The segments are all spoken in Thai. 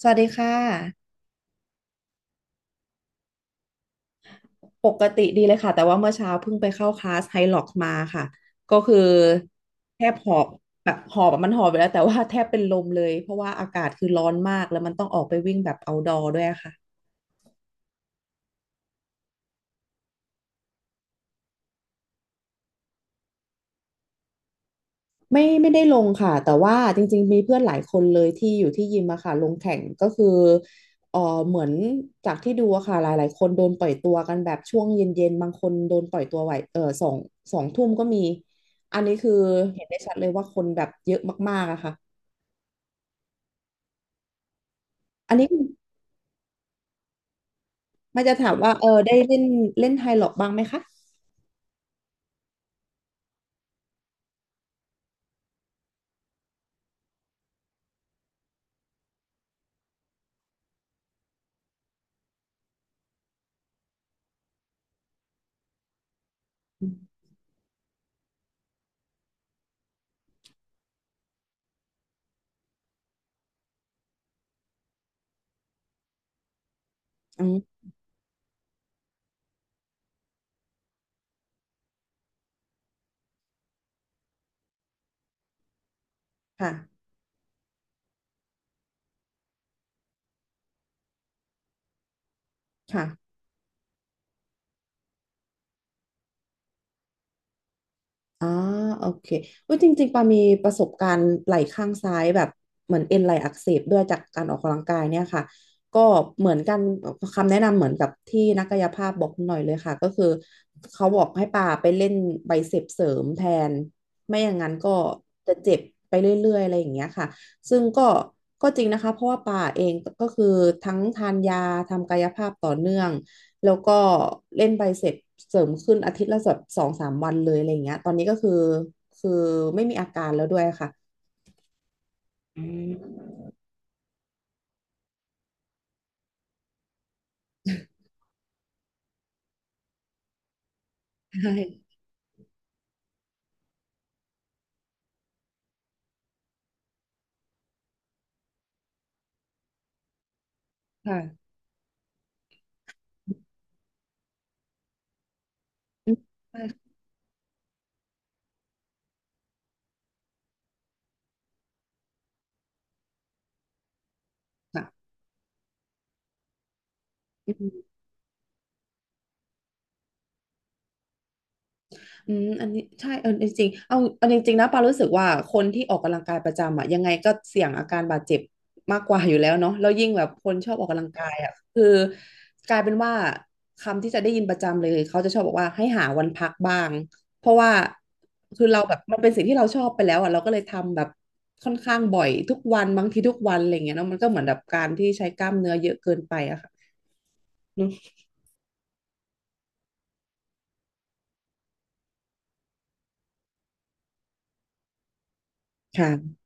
สวัสดีค่ะปกติดีเลยค่ะแต่ว่าเมื่อเช้าเพิ่งไปเข้าคลาสไฮล็อกมาค่ะก็คือแทบหอบแบบหอบอะมันหอบไปแล้วแต่ว่าแทบเป็นลมเลยเพราะว่าอากาศคือร้อนมากแล้วมันต้องออกไปวิ่งแบบเอาท์ดอร์ด้วยค่ะ ไม่ได้ลงค่ะแต่ว่าจริงๆมีเพื่อนหลายคนเลยที่อยู่ที่ยิมอะค่ะลงแข่งก็คือเออเหมือนจากที่ดูอะค่ะหลายๆคนโดนปล่อยตัวกันแบบช่วงเย็นๆบางคนโดนปล่อยตัวไหวสองทุ่มก็มีอันนี้คือเห็นได้ชัดเลยว่าคนแบบเยอะมากๆอะค่ะอันนี้มันจะถามว่าได้เล่นเล่นไฮล็อกบ้างไหมคะอืมอืมค่ะค่ะ อ่าโอเคเว้ยจริงๆปามีประสบการณ์ไหล่ข้างซ้ายแบบเหมือนเอ็นไหล่อักเสบด้วยจากการออกกำลังกายเนี่ยค่ะก็เหมือนกันคำแนะนำเหมือนกับที่นักกายภาพบอกหน่อยเลยค่ะก็คือเขาบอกให้ปาไปเล่นไบเซปเสริมแทนไม่อย่างนั้นก็จะเจ็บไปเรื่อยๆอะไรอย่างเงี้ยค่ะซึ่งก็จริงนะคะเพราะว่าปาเองก็คือทั้งทานยาทำกายภาพต่อเนื่อง แล้วก็เล่นไปเสร็จเสริมขึ้นอาทิตย์ละแบบ2-3 วันเลยอะไรอย่างเงี้ยตอนนี้ก็คือคือไม่มีอาการแล้วด้วยค่ะอืมใช่ค่ะอืมใช่ค่ะ อืมอันนี้ใช่จริงๆเอาจริงๆนะปารู้สึกว่าคนที่ออกกำลังกายประจำอ่ะยังไงก็เสี่ยงอาการบาดเจ็บมากกว่าอยู่แล้วเนาะแล้วยิ่งแบบคนชอบออกกำลังกายอ่ะคือกลายเป็นว่าคำที่จะได้ยินประจำเลยเขาจะชอบบอกว่าให้หาวันพักบ้างเพราะว่าคือเราแบบมันเป็นสิ่งที่เราชอบไปแล้วอ่ะเราก็เลยทำแบบค่อนข้างบ่อยทุกวันบางทีทุกวันอะไรอย่างเงี้ยเนาะมันก็เหมือนแบบการที่ใช้กล้ามเนื้อเยอะเกินไปอะค่ะเนอะค่ะ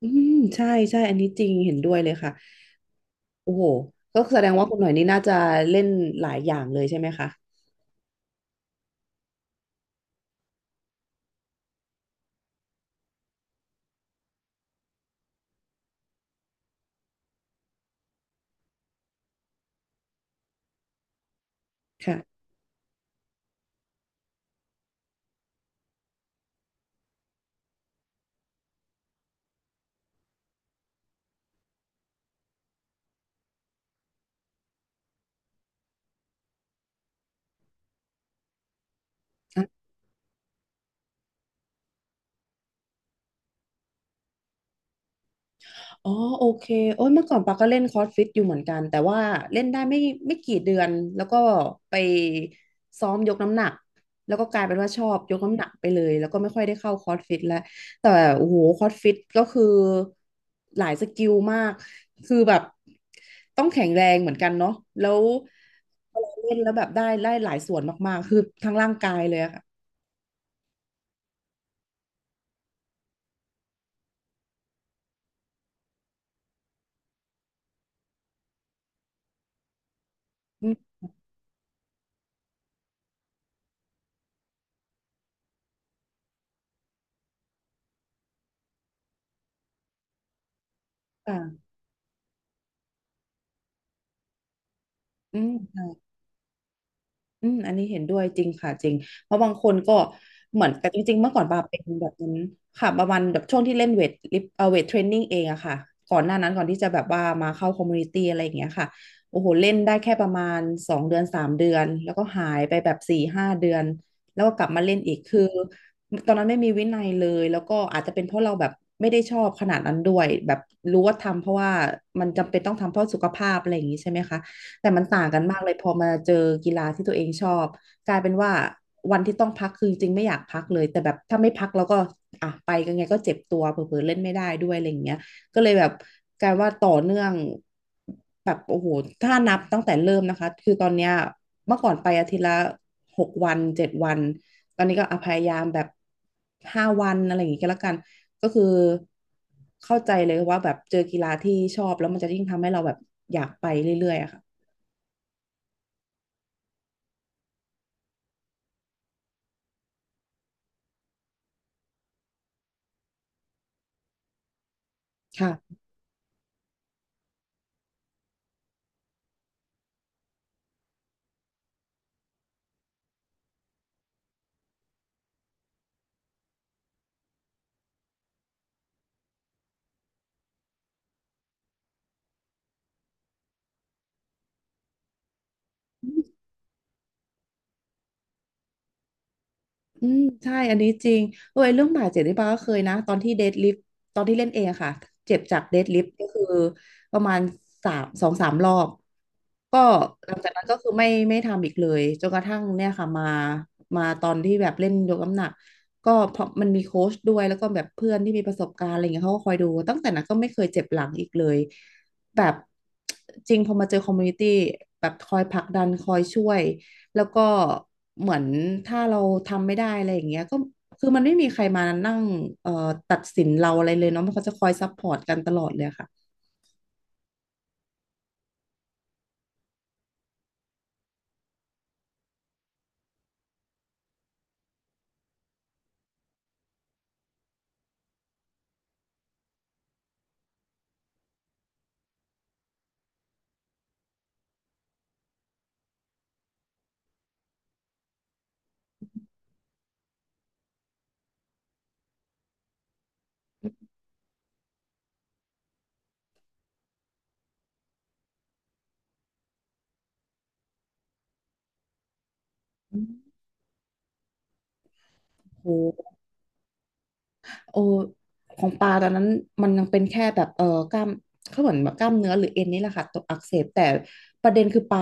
อืมใช่ใช่อันนี้จริงเห็นด้วยเลยค่ะ โอ้โหก็แสดงว่าคุณหน่อยนี่น่าจะเล่นหลายอย่างเลยใช่ไหมคะค่ะอ่ะอ๋อโอเคโอ้ยเมื่อก่อนปาก็เล่นคอร์สฟิตอยู่เหมือนกันแต่ว่าเล่นได้ไม่กี่เดือนแล้วก็ไปซ้อมยกน้ำหนักแล้วก็กลายเป็นว่าชอบยกน้ำหนักไปเลยแล้วก็ไม่ค่อยได้เข้าคอร์สฟิตแล้วแต่โอ้โหคอร์สฟิตก็คือหลายสกิลมากคือแบบต้องแข็งแรงเหมือนกันเนาะแล้วเวลาเล่นแล้วแบบได้หลายส่วนมากๆคือทั้งร่างกายเลยอะค่ะอืมค่ะ อืมค่ะอืมอันนี้เห็นด้วยจริงค่ะจริงเพราะบางคนก็เหมือนกับจริงๆเมื่อก่อนปาเป็นแบบนั้นค่ะประมาณแบบช่วงที่เล่นเวทเทรนนิ่งเองอะค่ะก่อนหน้านั้นก่อนที่จะแบบว่ามาเข้าคอมมูนิตี้อะไรอย่างเงี้ยค่ะโอ้โหเล่นได้แค่ประมาณ2 เดือน 3 เดือนแล้วก็หายไปแบบ4-5 เดือนแล้วก็กลับมาเล่นอีกคือตอนนั้นไม่มีวินัยเลยแล้วก็อาจจะเป็นเพราะเราแบบไม่ได้ชอบขนาดนั้นด้วยแบบรู้ว่าทำเพราะว่ามันจำเป็นต้องทำเพราะสุขภาพอะไรอย่างงี้ใช่ไหมคะ แต่มันต่างกันมากเลยพอมาเจอกีฬาที่ตัวเองชอบกลายเป็นว่าวันที่ต้องพักคือจริงไม่อยากพักเลยแต่แบบถ้าไม่พักแล้วก็อ่ะไปกันไงก็เจ็บตัวเผลอๆเล่นไม่ได้ด้วยอะไรอย่างเงี้ยก็เลยแบบกลายว่าต่อเนื่องแบบโอ้โหถ้านับตั้งแต่เริ่มนะคะคือตอนเนี้ยเมื่อก่อนไปอาทิตย์ละ6 วัน 7 วันตอนนี้ก็อ่ะพยายามแบบ5 วันอะไรอย่างงี้ก็แล้วกันก็คือเข้าใจเลยว่าแบบเจอกีฬาที่ชอบแล้วมันจะยิ่งทำให้เราแบบอยากไปเรื่อยๆอะค่ะ ค่ะอืมใช่อันนี้จริงเออไอ้เรื่องบาดเจ็บนี่ปาก็เคยนะตอนที่เดดลิฟต์ตอนที่เล่นเองอะค่ะเจ็บจากเดดลิฟต์ก็คือประมาณสองสามรอบก็หลังจากนั้นก็คือไม่ทำอีกเลยจนกระทั่งเนี่ยค่ะมาตอนที่แบบเล่นยกน้ำหนักก็เพราะมันมีโค้ชด้วยแล้วก็แบบเพื่อนที่มีประสบการณ์อะไรเงี้ยเขาก็คอยดูตั้งแต่นั้นก็ไม่เคยเจ็บหลังอีกเลยแบบจริงพอมาเจอคอมมูนิตี้แบบคอยผลักดันคอยช่วย แล้วก็เหมือนถ้าเราทำไม่ได้อะไรอย่างเงี้ยก็คือมันไม่มีใครมานั่งเอ่อตัดสินเราอะไรเลยเนาะมันเขาจะคอยซัพพอร์ตกันตลอดเลยค่ะโห โอของปลาตอนนั้นมันยังเป็นแค่แบบเออกล้ามเขาเหมือนแบบกล้ามเนื้อหรือเอ็นนี่แหละค่ะตกอักเสบแต่ประเด็นคือปลา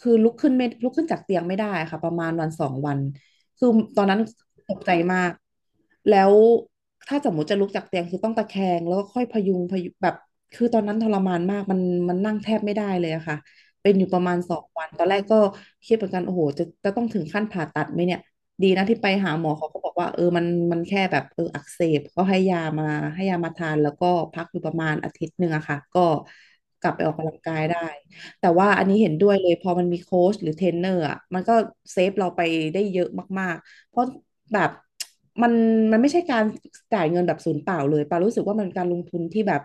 คือลุกขึ้นจากเตียงไม่ได้ค่ะประมาณวันสองวันคือตอนนั้นตกใจมากแล้วถ้าสมมติจะลุกจากเตียงคือต้องตะแคงแล้วก็ค่อยพยุงแบบคือตอนนั้นทรมานมากมันนั่งแทบไม่ได้เลยอะค่ะเป็นอยู่ประมาณสองวันตอนแรกก็คิดเหมือนกันโอ้โหจะต้องถึงขั้นผ่าตัดไหมเนี่ย ดีนะที่ไปหาหมอเขาก็บอกว่าเออมันแค่แบบเอออักเสบก็ให้ยามาทานแล้วก็พักอยู่ประมาณอาทิตย์หนึ่งอะค่ะก็กลับไปออกกำลังกายได้ แต่ว่าอันนี้เห็นด้วยเลยพอมันมีโค้ชหรือเทรนเนอร์อ่ะมันก็เซฟเราไปได้เยอะมากๆเพราะแบบมันมันไม่ใช่การจ่ายเงินแบบศูนย์เปล่าเลยปารู้สึกว่ามันการลงทุนที่แบบ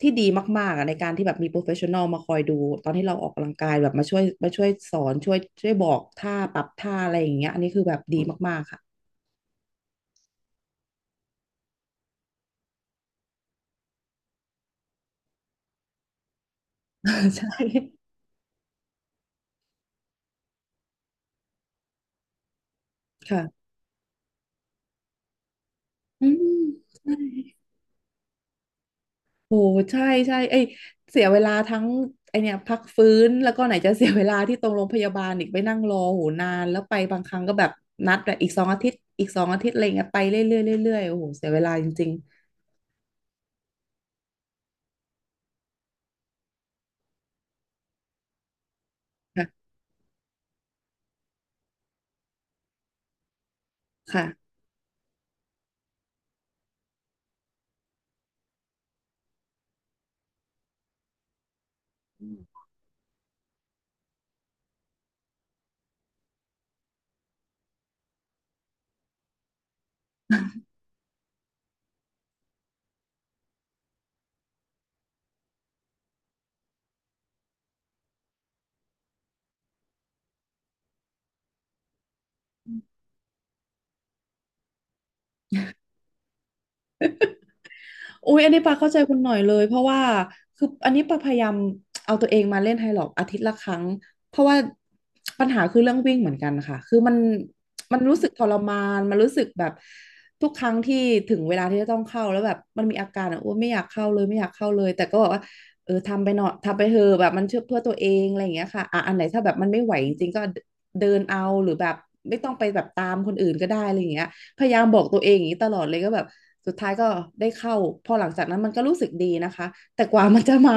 ที่ดีมากๆอ่ะในการที่แบบมีโปรเฟชชั่นอลมาคอยดูตอนที่เราออกกำลังกายแบบมาช่วยสอนช่วยบอกท่าปรับท่าอะไรอย่างเงี้ยอันนี้คือแบบดีมากๆค่ะ ใช่ค่ะอืมใช่ โอ้ใช่ใช่ไอยเสียเวลาทั้งไอเนี่ยพักฟื้นแล้วก็ไหนจะ เสียเวลาที่ตรงโรงพยาบาลอีกไปนั่งรอโหนานแล้วไปบางครั้งก็แบบนัดแบบอีกสองอาทิตย์อีกสองอาทิตย์อะไรเงี้ยไปเรื่อยๆเรื่อยๆโอ้โหเสียเวลาจริงๆค่ะค่ะ อุ้ยอันนี้ปาเข้าใจคุณหน่อยเลยเพราะว่าคืออันนี้ปาพยายามเอาตัวเองมาเล่นไฮล็อกอาทิตย์ละครั้งเพราะว่าปัญหาคือเรื่องวิ่งเหมือนกันค่ะคือมันรู้สึกทรมานมันรู้สึกแบบทุกครั้งที่ถึงเวลาที่จะต้องเข้าแล้วแบบมันมีอาการอ่ะอ้วนไม่อยากเข้าเลยไม่อยากเข้าเลยแต่ก็บอกว่าเออทำไปหน่อยทำไปเถอะแบบมันเชื่อเพื่อตัวเองอะไรอย่างเงี้ยค่ะอ่ะอันไหนถ้าแบบมันไม่ไหวจริงๆก็เดินเอาหรือแบบไม่ต้องไปแบบตามคนอื่นก็ได้อะไรอย่างเงี้ย พยายามบอกตัวเองอย่างนี้ตลอดเลยก็แบบสุดท้ายก็ได้เข้าพอหลังจากนั้นมันก็รู้สึกดีนะคะแต่กว่ามันจะมา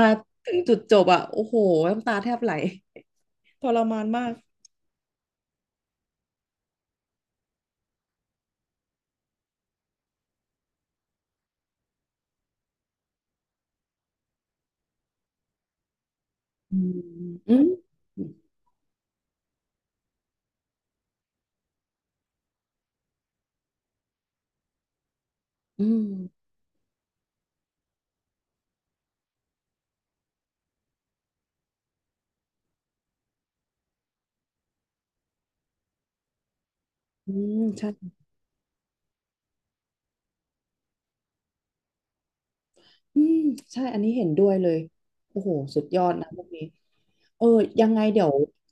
ถึงจุดจบอะโอ้โหน้ำตาแทบไหลทรมานมากอืมอืมอืมอืมใช่อืมใช่อันนี้เห็นด้วยเลยโอ้โหสุดยอดนะพวกนี้เออยังไงเดี๋ยว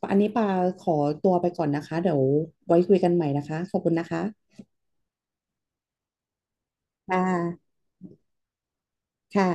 อันนี้ปาขอตัวไปก่อนนะคะเดี๋ยวไว้คุยกันใหม่นะคะขอบคุณนะคะค่ะค่ะ